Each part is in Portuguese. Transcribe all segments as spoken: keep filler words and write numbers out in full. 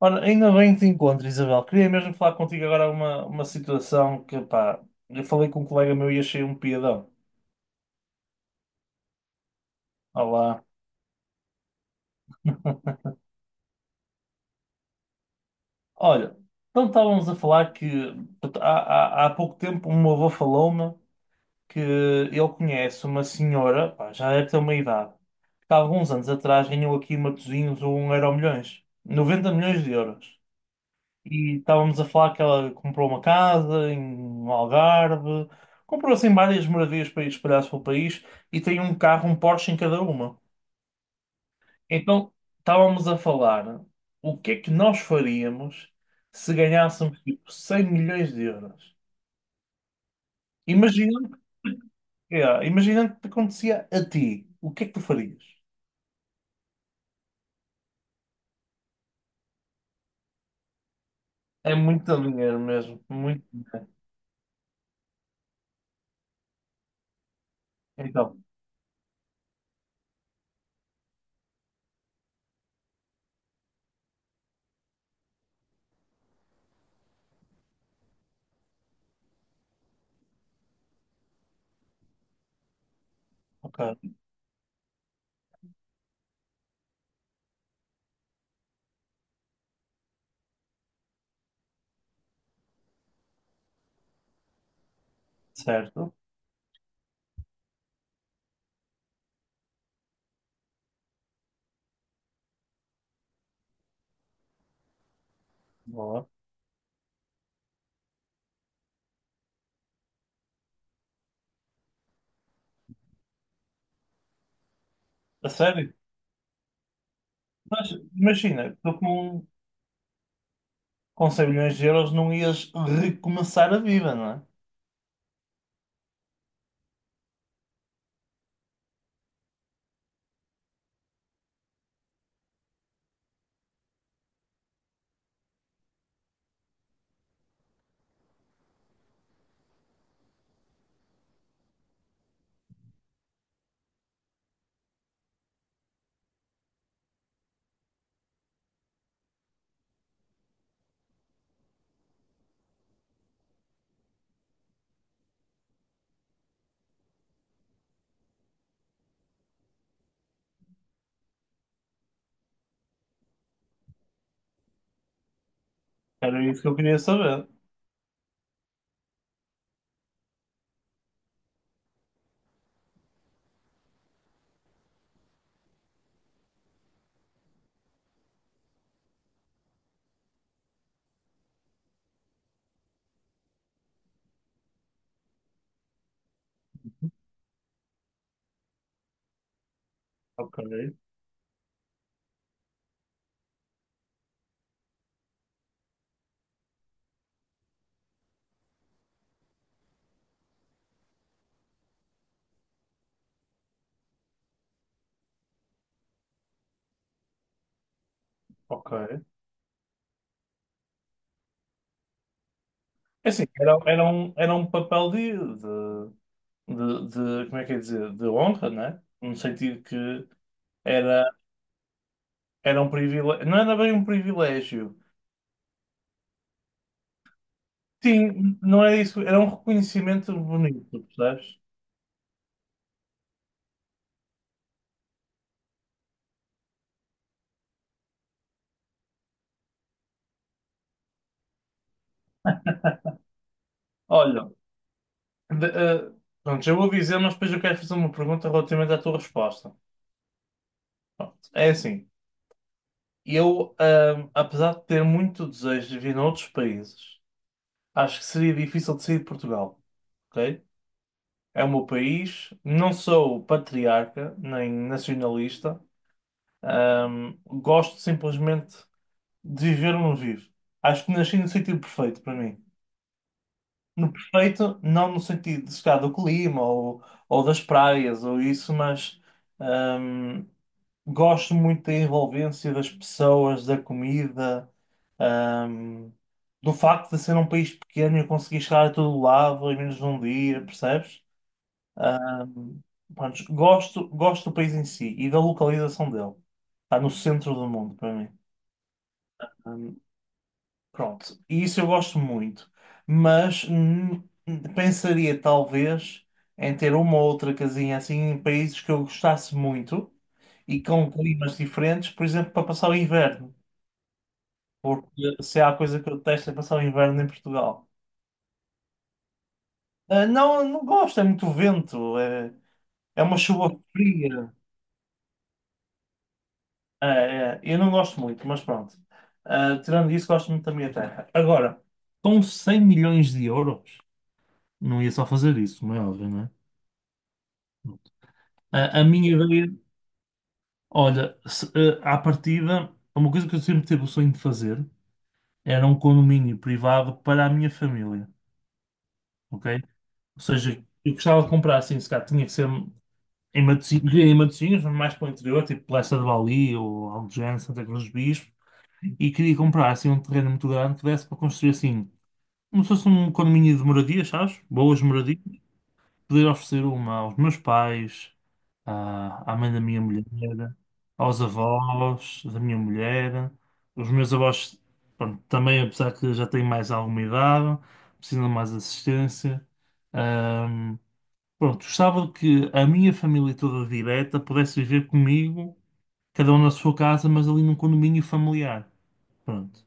Ora, ainda bem que te encontro, Isabel. Queria mesmo falar contigo agora uma, uma situação que, pá, eu falei com um colega meu e achei um piadão. Olá. Olha, então estávamos a falar que portanto, há, há, há pouco tempo um meu avô falou-me que ele conhece uma senhora, pá, já deve ter uma idade, que há alguns anos atrás ganhou aqui em Matosinhos um Euromilhões, noventa milhões de euros. E estávamos a falar que ela comprou uma casa em no Algarve, comprou assim várias maravilhas para ir espalhar pelo país e tem um carro, um Porsche em cada uma. Então estávamos a falar o que é que nós faríamos se ganhássemos tipo cem milhões de euros. Imaginando, que- é, imaginando que te acontecia a ti, o que é que tu farias? É muito dinheiro mesmo, muito dinheiro. Então, ok, certo, boa. A sério? Mas imagina, estou com um com cem milhões de euros não ias recomeçar a vida, não é? Era isso que eu queria saber. Ok, ok. É assim, era, era um, era um papel de, de, de, de- como é que é dizer, de honra, não é? No sentido que era, era um privilégio, não era bem um privilégio. Sim, não era isso, era um reconhecimento bonito, percebes? Olha, de- eh, pronto, já vou dizer, mas depois eu quero fazer uma pergunta relativamente à tua resposta. Pronto, é assim. Eu, ahm, apesar de ter muito desejo de vir a outros países, acho que seria difícil de sair de Portugal, ok? É o meu país, não sou patriarca nem nacionalista, ahm, gosto simplesmente de viver onde vivo. Acho que nasci no sentido perfeito para mim. No perfeito, não no sentido de chegar do clima ou, ou das praias ou isso, mas gosto muito da envolvência das pessoas, da comida, ahm, do facto de ser um país pequeno e eu conseguir chegar a todo lado em menos de um dia, percebes? Ahm, pronto, gosto, gosto do país em si e da localização dele. Está no centro do mundo para mim. Pronto, e isso eu gosto muito, mas hum, pensaria talvez em ter uma ou outra casinha assim em países que eu gostasse muito e com climas diferentes, por exemplo, para passar o inverno, porque se há coisa que eu detesto é passar o inverno em Portugal. Ah, não, não gosto, é muito vento, é, é uma chuva fria. É, é, eu não gosto muito, mas pronto. Ah, tirando isso, gosto muito da minha terra. Agora, com cem milhões de euros, não ia só fazer isso, como é óbvio, não é? A, a minha ideia, olha, se, eh, à partida, uma coisa que eu sempre tive o sonho de fazer era um condomínio privado para a minha família, ok? Ou seja, eu gostava de comprar assim, se calhar tinha que ser em Matosinhos, queria em Matosinhos, mas mais para o interior, tipo Leça de Bali ou Algés, Santa Cruz do Bispo, e queria comprar assim um terreno muito grande que desse para construir assim, como se fosse um condomínio de moradias, sabes? Boas moradias, poder oferecer uma aos meus pais, à, à mãe da minha mulher, aos avós da minha mulher. Os meus avós, pronto, também, apesar que já têm mais alguma idade, precisam de mais assistência. Ahm, pronto, gostava que a minha família toda direta pudesse viver comigo, cada um na sua casa, mas ali num condomínio familiar. Pronto.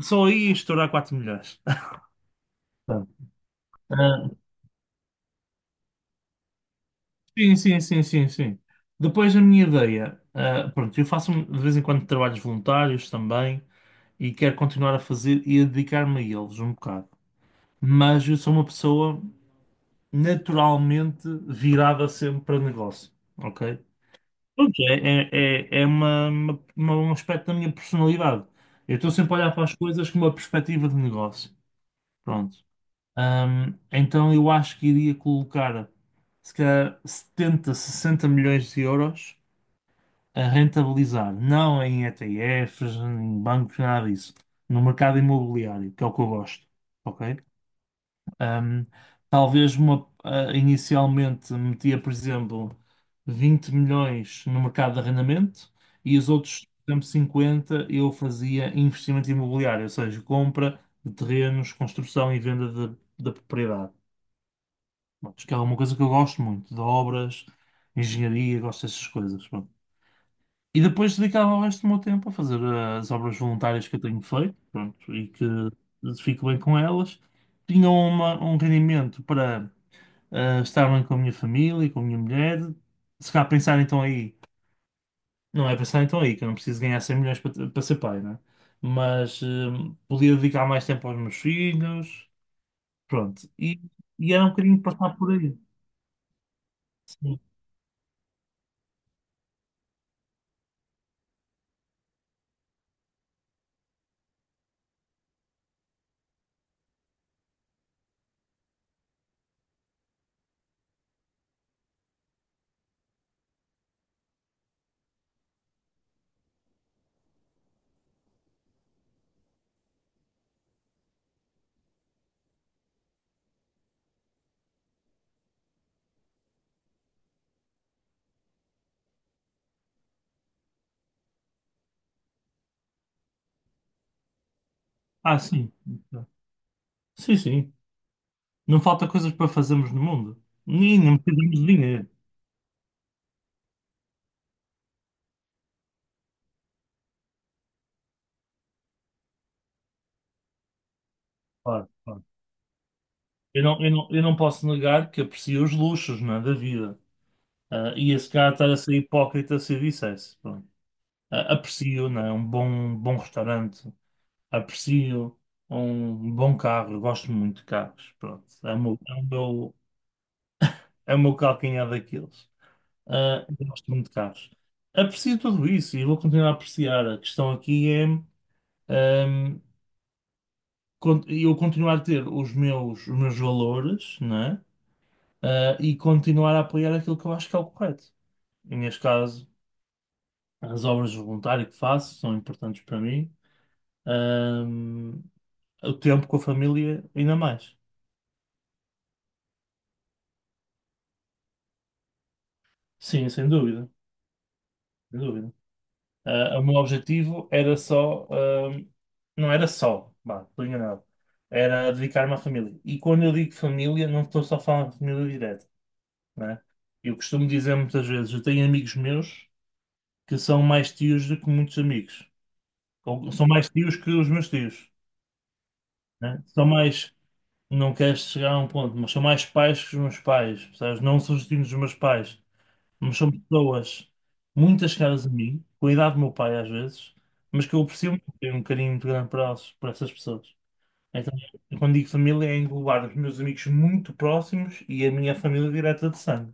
Só aí ia estourar quatro milhões. Pronto. Ah, sim, sim, sim, sim, sim. Depois a minha ideia, ah, pronto, eu faço, um, de vez em quando, trabalhos voluntários também e quero continuar a fazer e a dedicar-me a eles um bocado. Mas eu sou uma pessoa naturalmente virada sempre para negócio, ok? Pronto, é, é, é é uma, uma- uma- um aspecto da minha personalidade. Eu estou sempre a olhar para as coisas com uma perspectiva de negócio, pronto. Ahm, então eu acho que iria colocar, se calhar, setenta sessenta milhões de euros a rentabilizar, não em E T Fs, em bancos, nada disso, no mercado imobiliário, que é o que eu gosto, ok? Ahm, talvez uma, ah, inicialmente metia, por exemplo, vinte milhões no mercado de arrendamento e os outros, por exemplo, cinquenta eu fazia investimento imobiliário, ou seja, compra de terrenos, construção e venda de, da propriedade. Pronto, que é uma coisa que eu gosto muito, de obras, engenharia, gosto dessas coisas. E depois dedicava o resto do meu tempo a fazer eh, as obras voluntárias que eu tenho feito, pronto, e que fico bem com elas. Tinha uma- um rendimento para ah, estar bem com a minha família, com a minha mulher. Se calhar pensar então aí, não é pensar então aí, que eu não preciso ganhar cem milhões para, para ser pai, né? Mas hum, podia dedicar mais tempo aos meus filhos, pronto. E, e era um bocadinho passar por aí. Sim. Ah, sim. Sim, sim. Não falta coisas para fazermos no mundo. Nem não precisamos de dinheiro. Claro, claro. Eu não, eu não, eu não posso negar que aprecio os luxos, não é, da vida. Ah, e esse cara estar a ser hipócrita se eu dissesse. Pronto. Ah, aprecio, não é, um bom, bom restaurante. Aprecio um bom carro. Eu gosto muito de carros. Pronto. É o meu, é o meu, é o meu calcanhar daqueles. Ah, eu gosto muito de carros. Aprecio tudo isso e vou continuar a apreciar. A questão aqui é, ahm, con- eu continuar a ter os meus, os meus valores, não é? Eh, e continuar a apoiar aquilo que eu acho que é o correto. E neste caso, as obras de voluntário que faço são importantes para mim, ahm, o tempo com a família ainda mais. Sim, sem dúvida, sem dúvida. Ah, o meu objetivo era só, ahm, não era só, bah, estou enganado, era dedicar-me à família. E quando eu digo família, não estou só a falar de família direta, né? Eu costumo dizer muitas vezes, eu tenho amigos meus que são mais tios do que muitos amigos. Ou são mais tios que os meus tios. Né? São mais, não queres chegar a um ponto, mas são mais pais que os meus pais, percebes? Não sou destino dos meus pais, mas são pessoas muitas caras a mim, com a idade do meu pai às vezes, mas que eu aprecio muito, tenho um carinho muito grande para elas, para essas pessoas. Então, eu quando digo família, é englobar os meus amigos muito próximos e a minha família direta de sangue,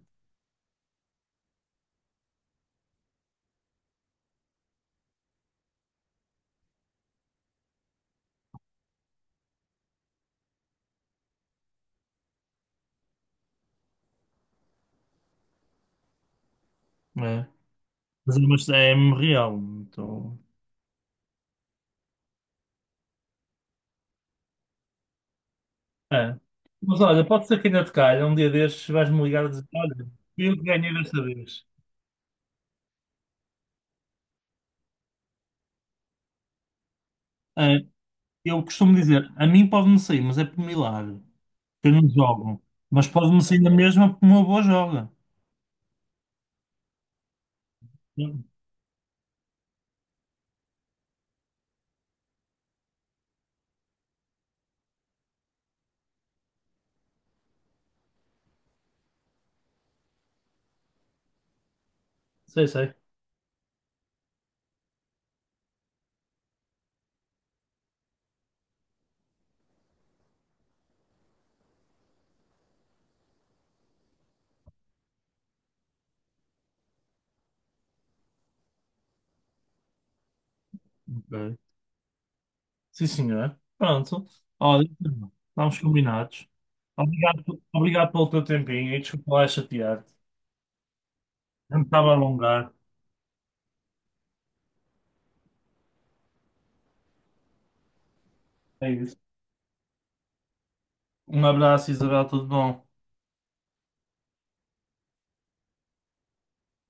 né? Mas é mas é mesmo real, então, é. Mas olha, pode ser que ainda te calhe, um dia destes vais-me ligar a dizer: olha, fui eu que ganhei desta vez. É. Eu costumo dizer, a mim pode-me sair, mas é por milagre, que eu não jogo. Mas pode-me sair a mesma porque o meu avô joga. Hum. Sei, sei. Ok. Sim, senhor. Pronto. Olha, estamos combinados. Obrigado, pe- obrigado pelo teu tempinho e desculpa lá chatear-te. Não estava a alongar. É isso. Um abraço, Isabel, tudo bom?